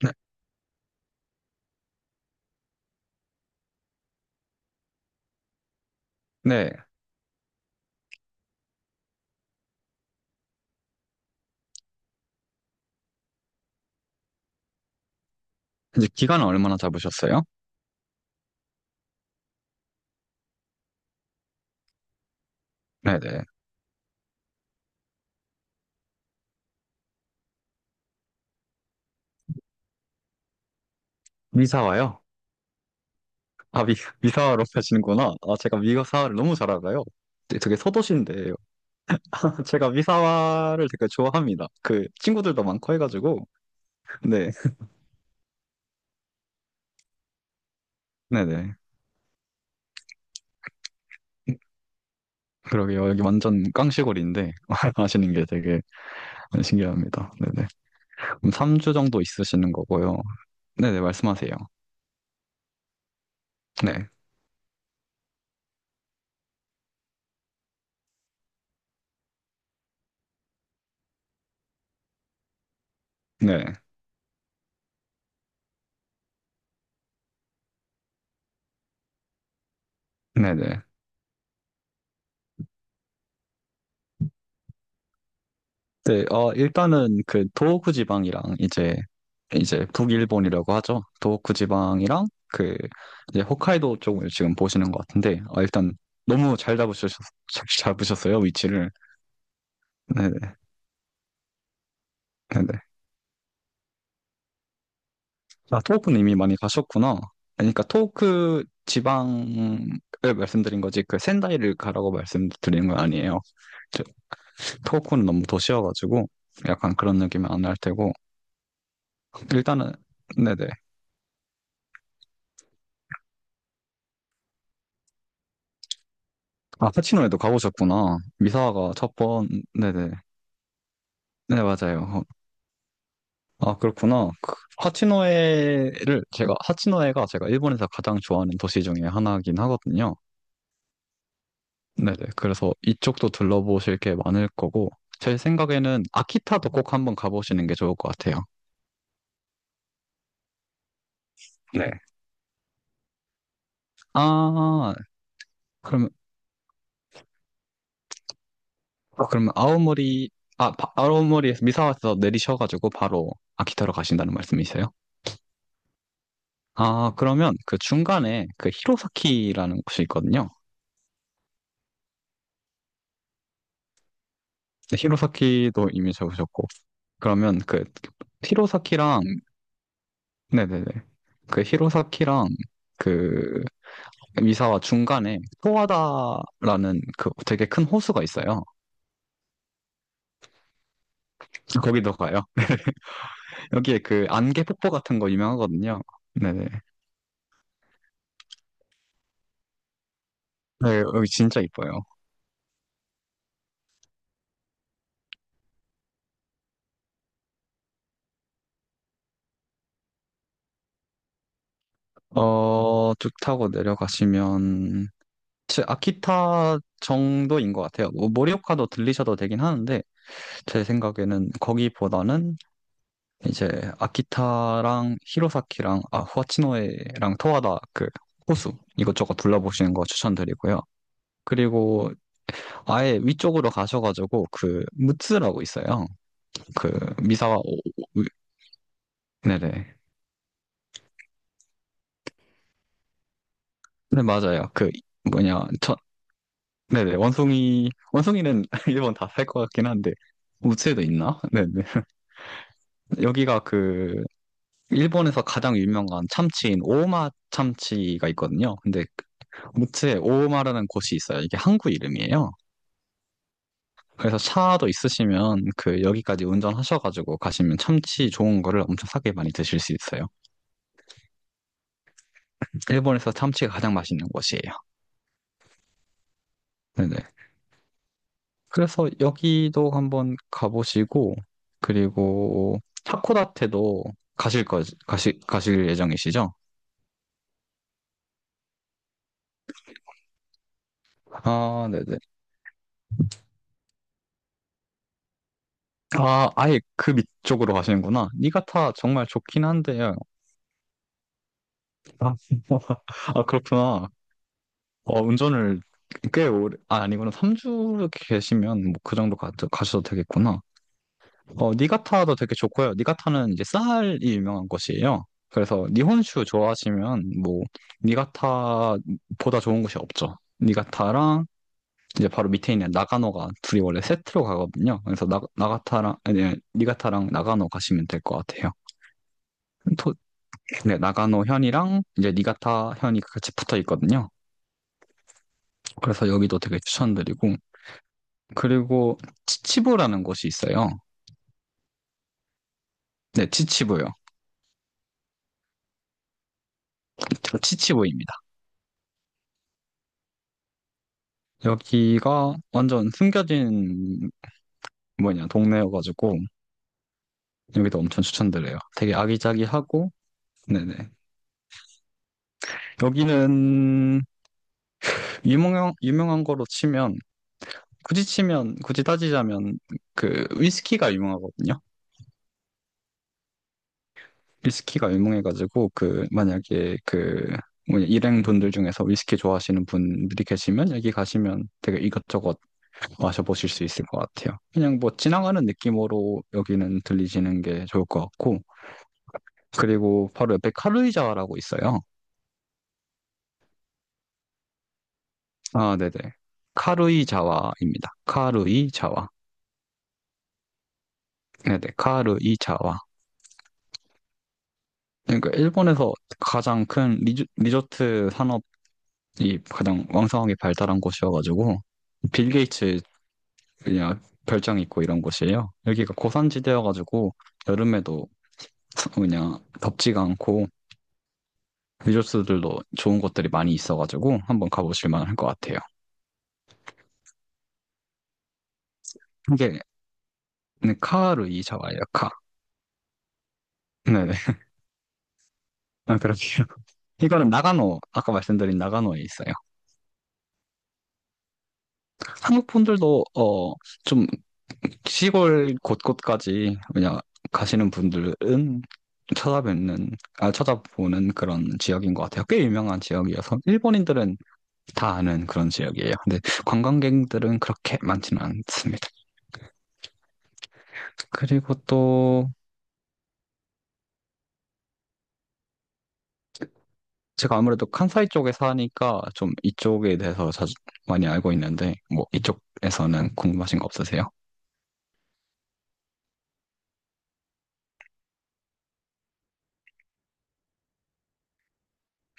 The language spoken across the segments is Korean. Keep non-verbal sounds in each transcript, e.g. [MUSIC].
네. 네. 이제 기간은 얼마나 잡으셨어요? 네네. 미사와요? 아, 미, 미사와로 하시는구나. 아, 제가 미사와를 너무 잘 알아요. 되게 서도시인데, [LAUGHS] 제가 미사와를 되게 좋아합니다. 그, 친구들도 많고 해가지고. 네. 네네. 그러게요. 여기 완전 깡시골인데, [LAUGHS] 아시는 게 되게 신기합니다. 네네. 그럼 3주 정도 있으시는 거고요. 네네, 말씀하세요. 네. 네. 네네. 네, 네, 일단은 그 도호구 지방이랑 이제 북일본이라고 하죠. 도호쿠 지방이랑 그 이제 홋카이도 쪽을 지금 보시는 것 같은데, 일단 너무 잘 잡으셨 잘 잡으셨어요 위치를. 네네. 네네. 아, 도호쿠는 이미 많이 가셨구나. 그러니까 도호쿠 지방을 말씀드린 거지, 그 센다이를 가라고 말씀드리는 건 아니에요. 저- 도호쿠는 너무 도시여가지고 약간 그런 느낌은 안 날 테고, 일단은 네네. 아, 파치노에도 가보셨구나. 미사와가 첫번 네네. 네. 네, 맞아요. 아, 그렇구나. 그 하치노에를 제가 하치노에가 제가 일본에서 가장 좋아하는 도시 중에 하나긴 하거든요. 네네. 그래서 이쪽도 둘러보실 게 많을 거고, 제 생각에는 아키타도 꼭 한번 가보시는 게 좋을 것 같아요. 네. 아, 그럼 아, 그러면 아오모리, 아오모리에서 미사와에서 내리셔가지고 바로 아키타로 가신다는 말씀이세요? 아, 그러면 그 중간에 그 히로사키라는 곳이 있거든요. 근데 히로사키도 이미 적으셨고, 그러면 그 히로사키랑 네네네. 그 히로사키랑 그 미사와 중간에 소와다라는 그 되게 큰 호수가 있어요. 거기도 가요. 여기에 그 안개 폭포 같은 거 유명하거든요. 네네. 네, 여기 진짜 이뻐요. 어, 쭉 타고 내려가시면 제 아키타 정도인 것 같아요. 뭐 모리오카도 들리셔도 되긴 하는데, 제 생각에는 거기보다는 이제 아키타랑 히로사키랑 아 후아치노에랑 토하다 그 호수 이것저것 둘러보시는 거 추천드리고요. 그리고 아예 위쪽으로 가셔가지고 그 무츠라고 있어요. 그 미사와 오- 네네. 네, 맞아요. 그 뭐냐 저 네네. 원숭이 원숭이는 [LAUGHS] 일본 다 살 것 같긴 한데 무츠에도 있나? 네네. 여기가 그 일본에서 가장 유명한 참치인 오마 참치가 있거든요. 근데 무트에 오오마라는 곳이 있어요. 이게 항구 이름이에요. 그래서 차도 있으시면 그 여기까지 운전하셔가지고 가시면 참치 좋은 거를 엄청 싸게 많이 드실 수 있어요. 일본에서 참치가 가장 맛있는 곳이에요. 네네. 그래서 여기도 한번 가보시고, 그리고 하코다테도 가실 거 가시 가실 예정이시죠? 아, 네네. 아, 아예 그 밑쪽으로 가시는구나. 니가타 정말 좋긴 한데요. 아, [LAUGHS] 아, 그렇구나. 어, 운전을 꽤 오래, 아, 아니구나. 3주 이렇게 계시면 뭐 그 정도 가, 가셔도 되겠구나. 어, 니가타도 되게 좋고요. 니가타는 이제 쌀이 유명한 곳이에요. 그래서 니혼슈 좋아하시면 뭐 니가타보다 좋은 곳이 없죠. 니가타랑 이제 바로 밑에 있는 나가노가 둘이 원래 세트로 가거든요. 그래서 나가타랑 아니, 니가타랑 나가노 가시면 될 것 같아요. 토, 네, 나가노 현이랑 이제 니가타 현이 같이 붙어 있거든요. 그래서 여기도 되게 추천드리고, 그리고 치치부라는 곳이 있어요. 네, 치치부요. 치치부입니다. 여기가 완전 숨겨진 뭐냐 동네여가지고 여기도 엄청 추천드려요. 되게 아기자기하고. 네네. 여기는 유명한 거로 치면 굳이 따지자면 그 위스키가 유명하거든요. 위스키가 유명해가지고 그 만약에 그 뭐냐 일행 분들 중에서 위스키 좋아하시는 분들이 계시면 여기 가시면 되게 이것저것 마셔보실 수 있을 것 같아요. 그냥 뭐 지나가는 느낌으로 여기는 들리시는 게 좋을 것 같고, 그리고 바로 옆에 카루이자와라고 있어요. 아, 네네. 카루이자와입니다. 카루이자와. 네네. 카루이자와. 그러니까 일본에서 가장 큰 리조트 산업이 가장 왕성하게 발달한 곳이어가지고, 빌 게이츠 그냥 별장 있고 이런 곳이에요. 여기가 고산지대여가지고 여름에도 그냥 덥지가 않고 리조스들도 좋은 곳들이 많이 있어가지고 한번 가보실 만할 것 같아요. 이게 네, 카루이자와예요, 카. 네네. 아, 그렇게요. 이거는 나가노, 아까 말씀드린 나가노에 있어요. 한국 분들도, 어, 좀 시골 곳곳까지 그냥 가시는 분들은 쳐다보는 쳐다보는 그런 지역인 것 같아요. 꽤 유명한 지역이어서 일본인들은 다 아는 그런 지역이에요. 근데 관광객들은 그렇게 많지는 않습니다. 그리고 또 제가 아무래도 칸사이 쪽에 사니까 좀 이쪽에 대해서 자주 많이 알고 있는데, 뭐 이쪽에서는 궁금하신 거 없으세요?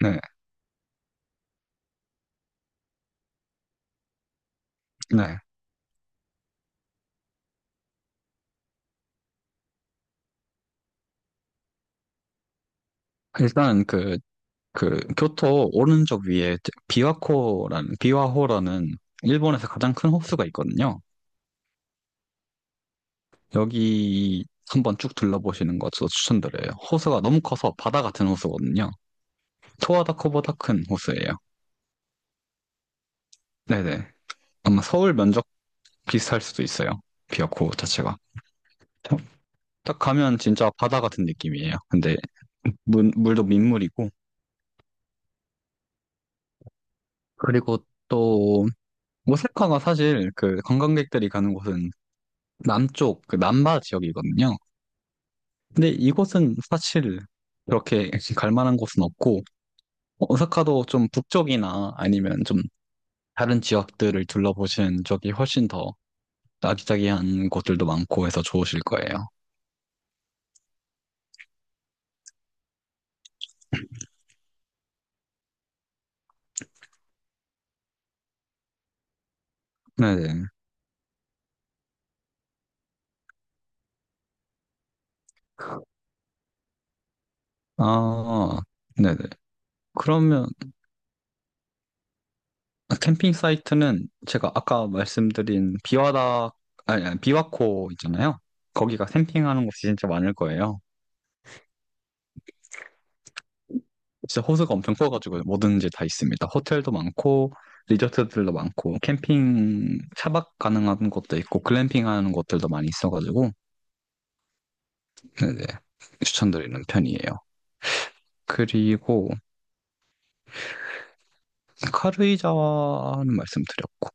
네, 네. 일단 그, 그 교토 오른쪽 위에 비와호라는 일본에서 가장 큰 호수가 있거든요. 여기 한번 쭉 둘러보시는 것도 추천드려요. 호수가 너무 커서 바다 같은 호수거든요. 토하다코보다 큰 호수예요. 네네. 아마 서울 면적 비슷할 수도 있어요. 비와코 자체가. 딱 가면 진짜 바다 같은 느낌이에요. 근데 물도 민물이고. 그리고 또 오사카가 사실 그 관광객들이 가는 곳은 남쪽, 그 남바 지역이거든요. 근데 이곳은 사실 그렇게 갈 만한 곳은 없고, 어, 오사카도 좀 북쪽이나 아니면 좀 다른 지역들을 둘러보신 적이 훨씬 더 아기자기한 곳들도 많고 해서 좋으실 거예요. 네네. 아, 네네. 그러면, 캠핑 사이트는 제가 아까 말씀드린 비와다, 아니, 아니, 비와코 있잖아요. 거기가 캠핑하는 곳이 진짜 많을 거예요. 진짜 호수가 엄청 커가지고 뭐든지 다 있습니다. 호텔도 많고, 리조트들도 많고, 캠핑 차박 가능한 곳도 있고, 글램핑 하는 곳들도 많이 있어가지고, 네네, 추천드리는 편이에요. 그리고 카루이자와는 말씀드렸고.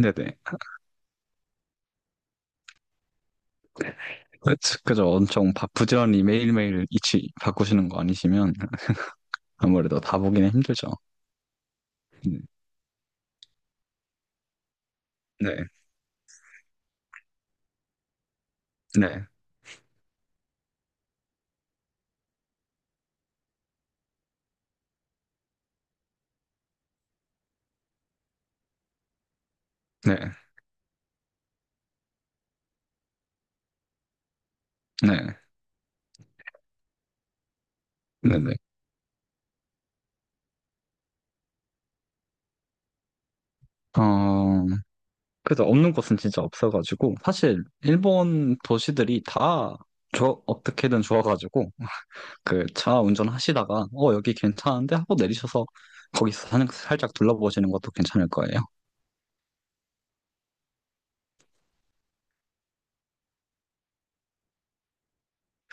네네. 그쵸, 그죠. 부지런히 매일매일 이치 바꾸시는 거 아니시면 아무래도 다 보기는 힘들죠. 네, 네, 네, 네, 네, 네. 어, 그래서 없는 곳은 진짜 없어가지고, 사실, 일본 도시들이 다, 좋 어떻게든 좋아가지고, 그, 차 운전하시다가, 어, 여기 괜찮은데? 하고 내리셔서, 거기서 살짝 둘러보시는 것도 괜찮을 거예요.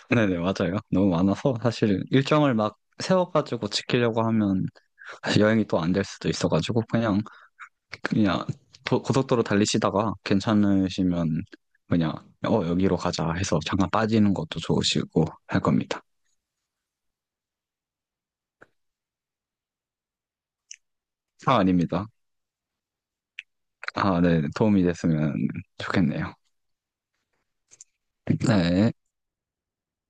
네네, 맞아요. 너무 많아서, 사실, 일정을 막 세워가지고 지키려고 하면, 사실 여행이 또 안 될 수도 있어가지고, 그냥, 그냥 고속도로 달리시다가 괜찮으시면 그냥 어 여기로 가자 해서 잠깐 빠지는 것도 좋으시고 할 겁니다. 아, 아닙니다. 아, 네. 도움이 됐으면 좋겠네요. 네.